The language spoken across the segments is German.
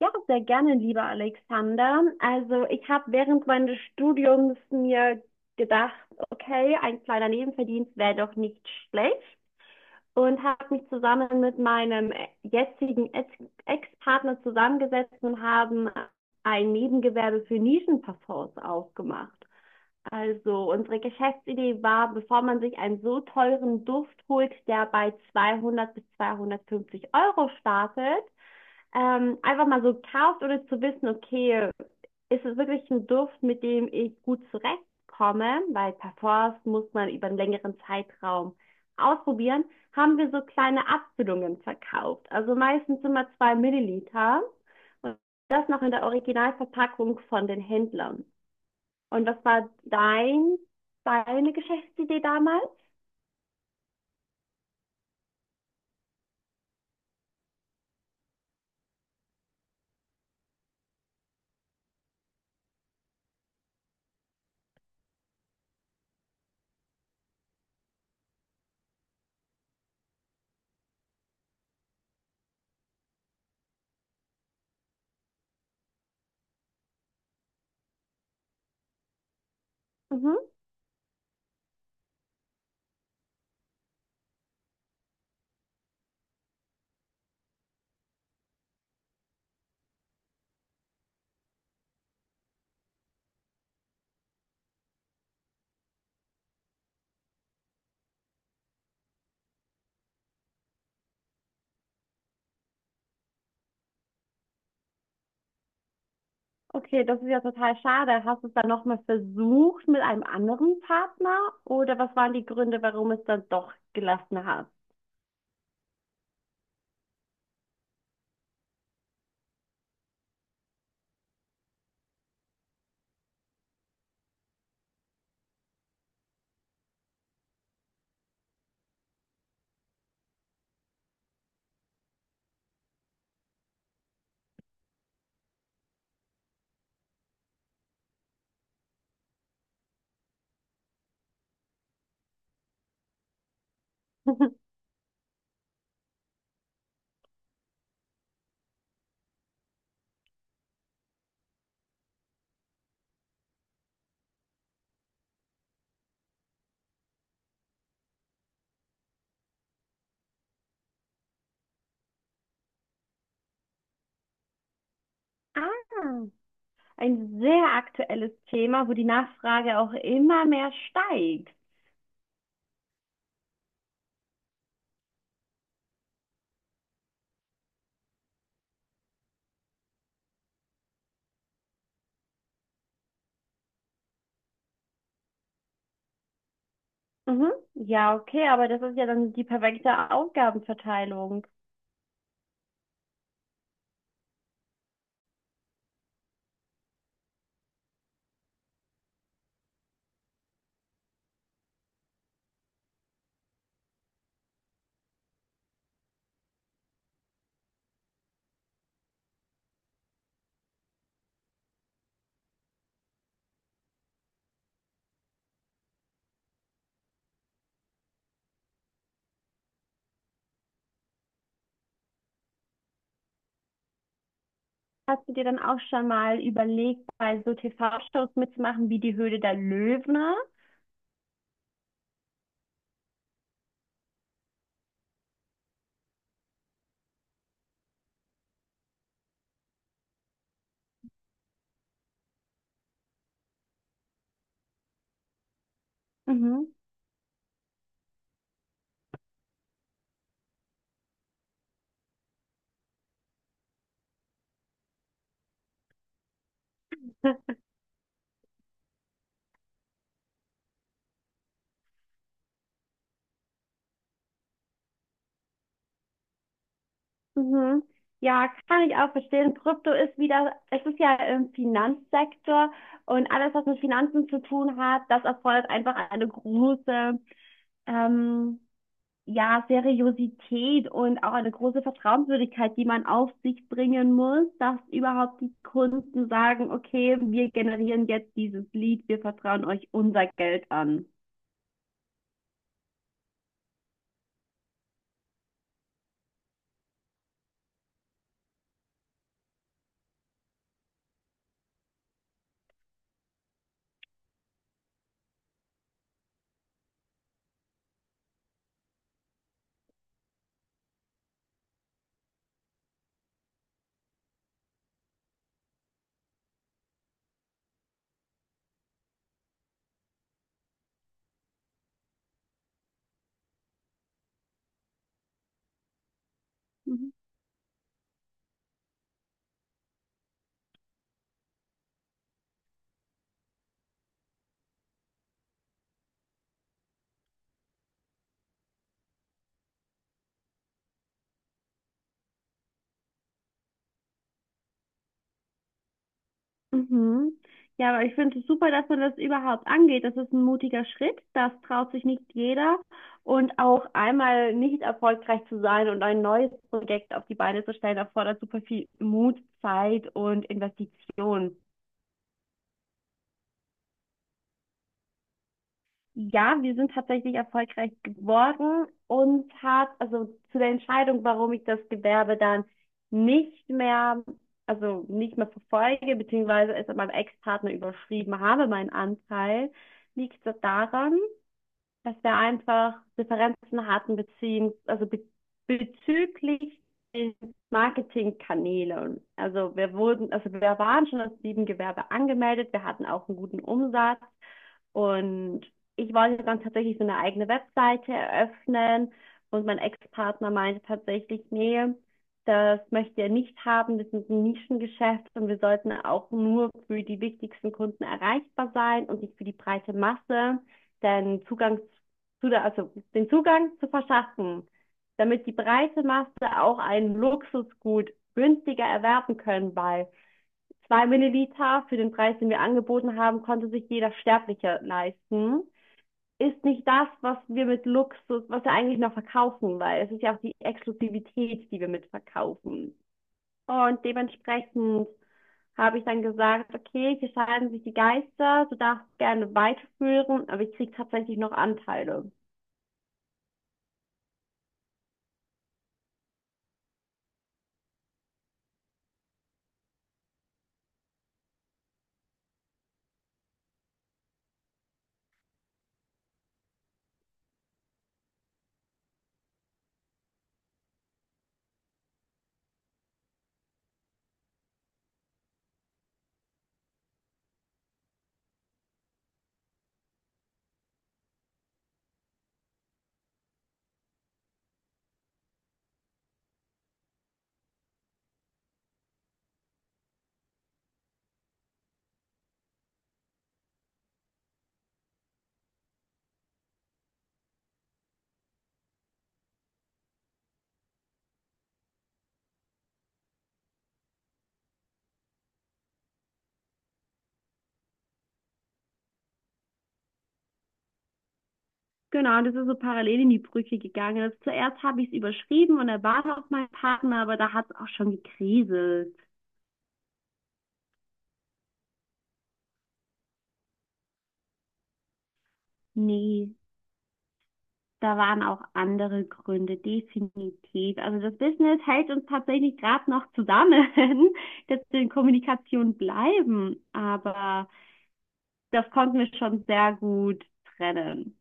Ja, sehr gerne, lieber Alexander. Also ich habe während meines Studiums mir gedacht, okay, ein kleiner Nebenverdienst wäre doch nicht schlecht, und habe mich zusammen mit meinem jetzigen Ex-Partner zusammengesetzt und haben ein Nebengewerbe für Nischenparfums aufgemacht. Also unsere Geschäftsidee war, bevor man sich einen so teuren Duft holt, der bei 200 bis 250 Euro startet, einfach mal so kauft oder zu wissen, okay, ist es wirklich ein Duft, mit dem ich gut zurechtkomme, weil Parfums muss man über einen längeren Zeitraum ausprobieren, haben wir so kleine Abfüllungen verkauft. Also meistens immer 2 ml, und das noch in der Originalverpackung von den Händlern. Und was war dein, deine Geschäftsidee damals? Mhm. Okay, das ist ja total schade. Hast du es dann nochmal versucht mit einem anderen Partner? Oder was waren die Gründe, warum es dann doch gelassen hast? Ah, ein sehr aktuelles Thema, wo die Nachfrage auch immer mehr steigt. Mhm. Ja, okay, aber das ist ja dann die perfekte Aufgabenverteilung. Hast du dir dann auch schon mal überlegt, bei so TV-Shows mitzumachen wie die Höhle der Löwen? Mhm. Mhm. Ja, kann ich auch verstehen. Krypto ist wieder, es ist ja im Finanzsektor, und alles, was mit Finanzen zu tun hat, das erfordert einfach eine große, ähm, ja, Seriosität und auch eine große Vertrauenswürdigkeit, die man auf sich bringen muss, dass überhaupt die Kunden sagen, okay, wir generieren jetzt dieses Lead, wir vertrauen euch unser Geld an. Mhm. Ja, aber ich finde es super, dass man das überhaupt angeht. Das ist ein mutiger Schritt. Das traut sich nicht jeder. Und auch einmal nicht erfolgreich zu sein und ein neues Projekt auf die Beine zu stellen, erfordert super viel Mut, Zeit und Investition. Ja, wir sind tatsächlich erfolgreich geworden. Uns hat, also zu der Entscheidung, warum ich das Gewerbe dann nicht mehr, also nicht mehr verfolge, beziehungsweise es an meinem Ex-Partner überschrieben habe, meinen Anteil, liegt das daran, dass wir einfach Differenzen hatten, beziehungs also be bezüglich den Marketingkanälen. Also wir wurden, also wir waren schon als Nebengewerbe angemeldet, wir hatten auch einen guten Umsatz. Und ich wollte dann tatsächlich so eine eigene Webseite eröffnen, und mein Ex-Partner meinte tatsächlich, nee, das möchte er nicht haben, das ist ein Nischengeschäft und wir sollten auch nur für die wichtigsten Kunden erreichbar sein und nicht für die breite Masse, denn Zugang zu der, also den Zugang zu verschaffen, damit die breite Masse auch ein Luxusgut günstiger erwerben können, weil zwei Milliliter für den Preis, den wir angeboten haben, konnte sich jeder Sterbliche leisten. Ist nicht das, was wir mit Luxus, was wir eigentlich noch verkaufen, weil es ist ja auch die Exklusivität, die wir mit verkaufen. Und dementsprechend habe ich dann gesagt, okay, hier scheiden sich die Geister, du darfst gerne weiterführen, aber ich kriege tatsächlich noch Anteile. Genau, und das ist so parallel in die Brücke gegangen. Zuerst habe ich es überschrieben und er war auch mein Partner, aber da hat es auch schon gekriselt. Nee, da waren auch andere Gründe, definitiv. Also das Business hält uns tatsächlich gerade noch zusammen, dass wir in Kommunikation bleiben, aber das konnten wir schon sehr gut trennen.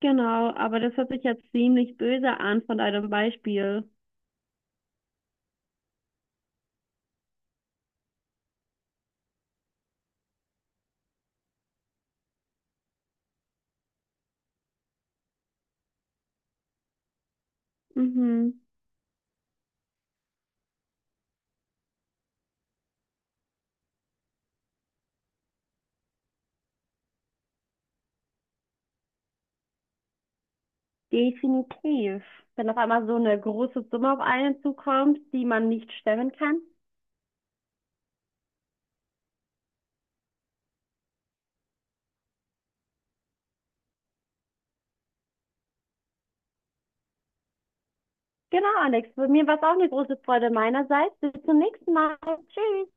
Genau, aber das hört sich jetzt ziemlich böse an von deinem Beispiel. Mhm, definitiv. Wenn auf einmal so eine große Summe auf einen zukommt, die man nicht stemmen kann. Genau, Alex, für mir war es auch eine große Freude meinerseits. Bis zum nächsten Mal. Tschüss.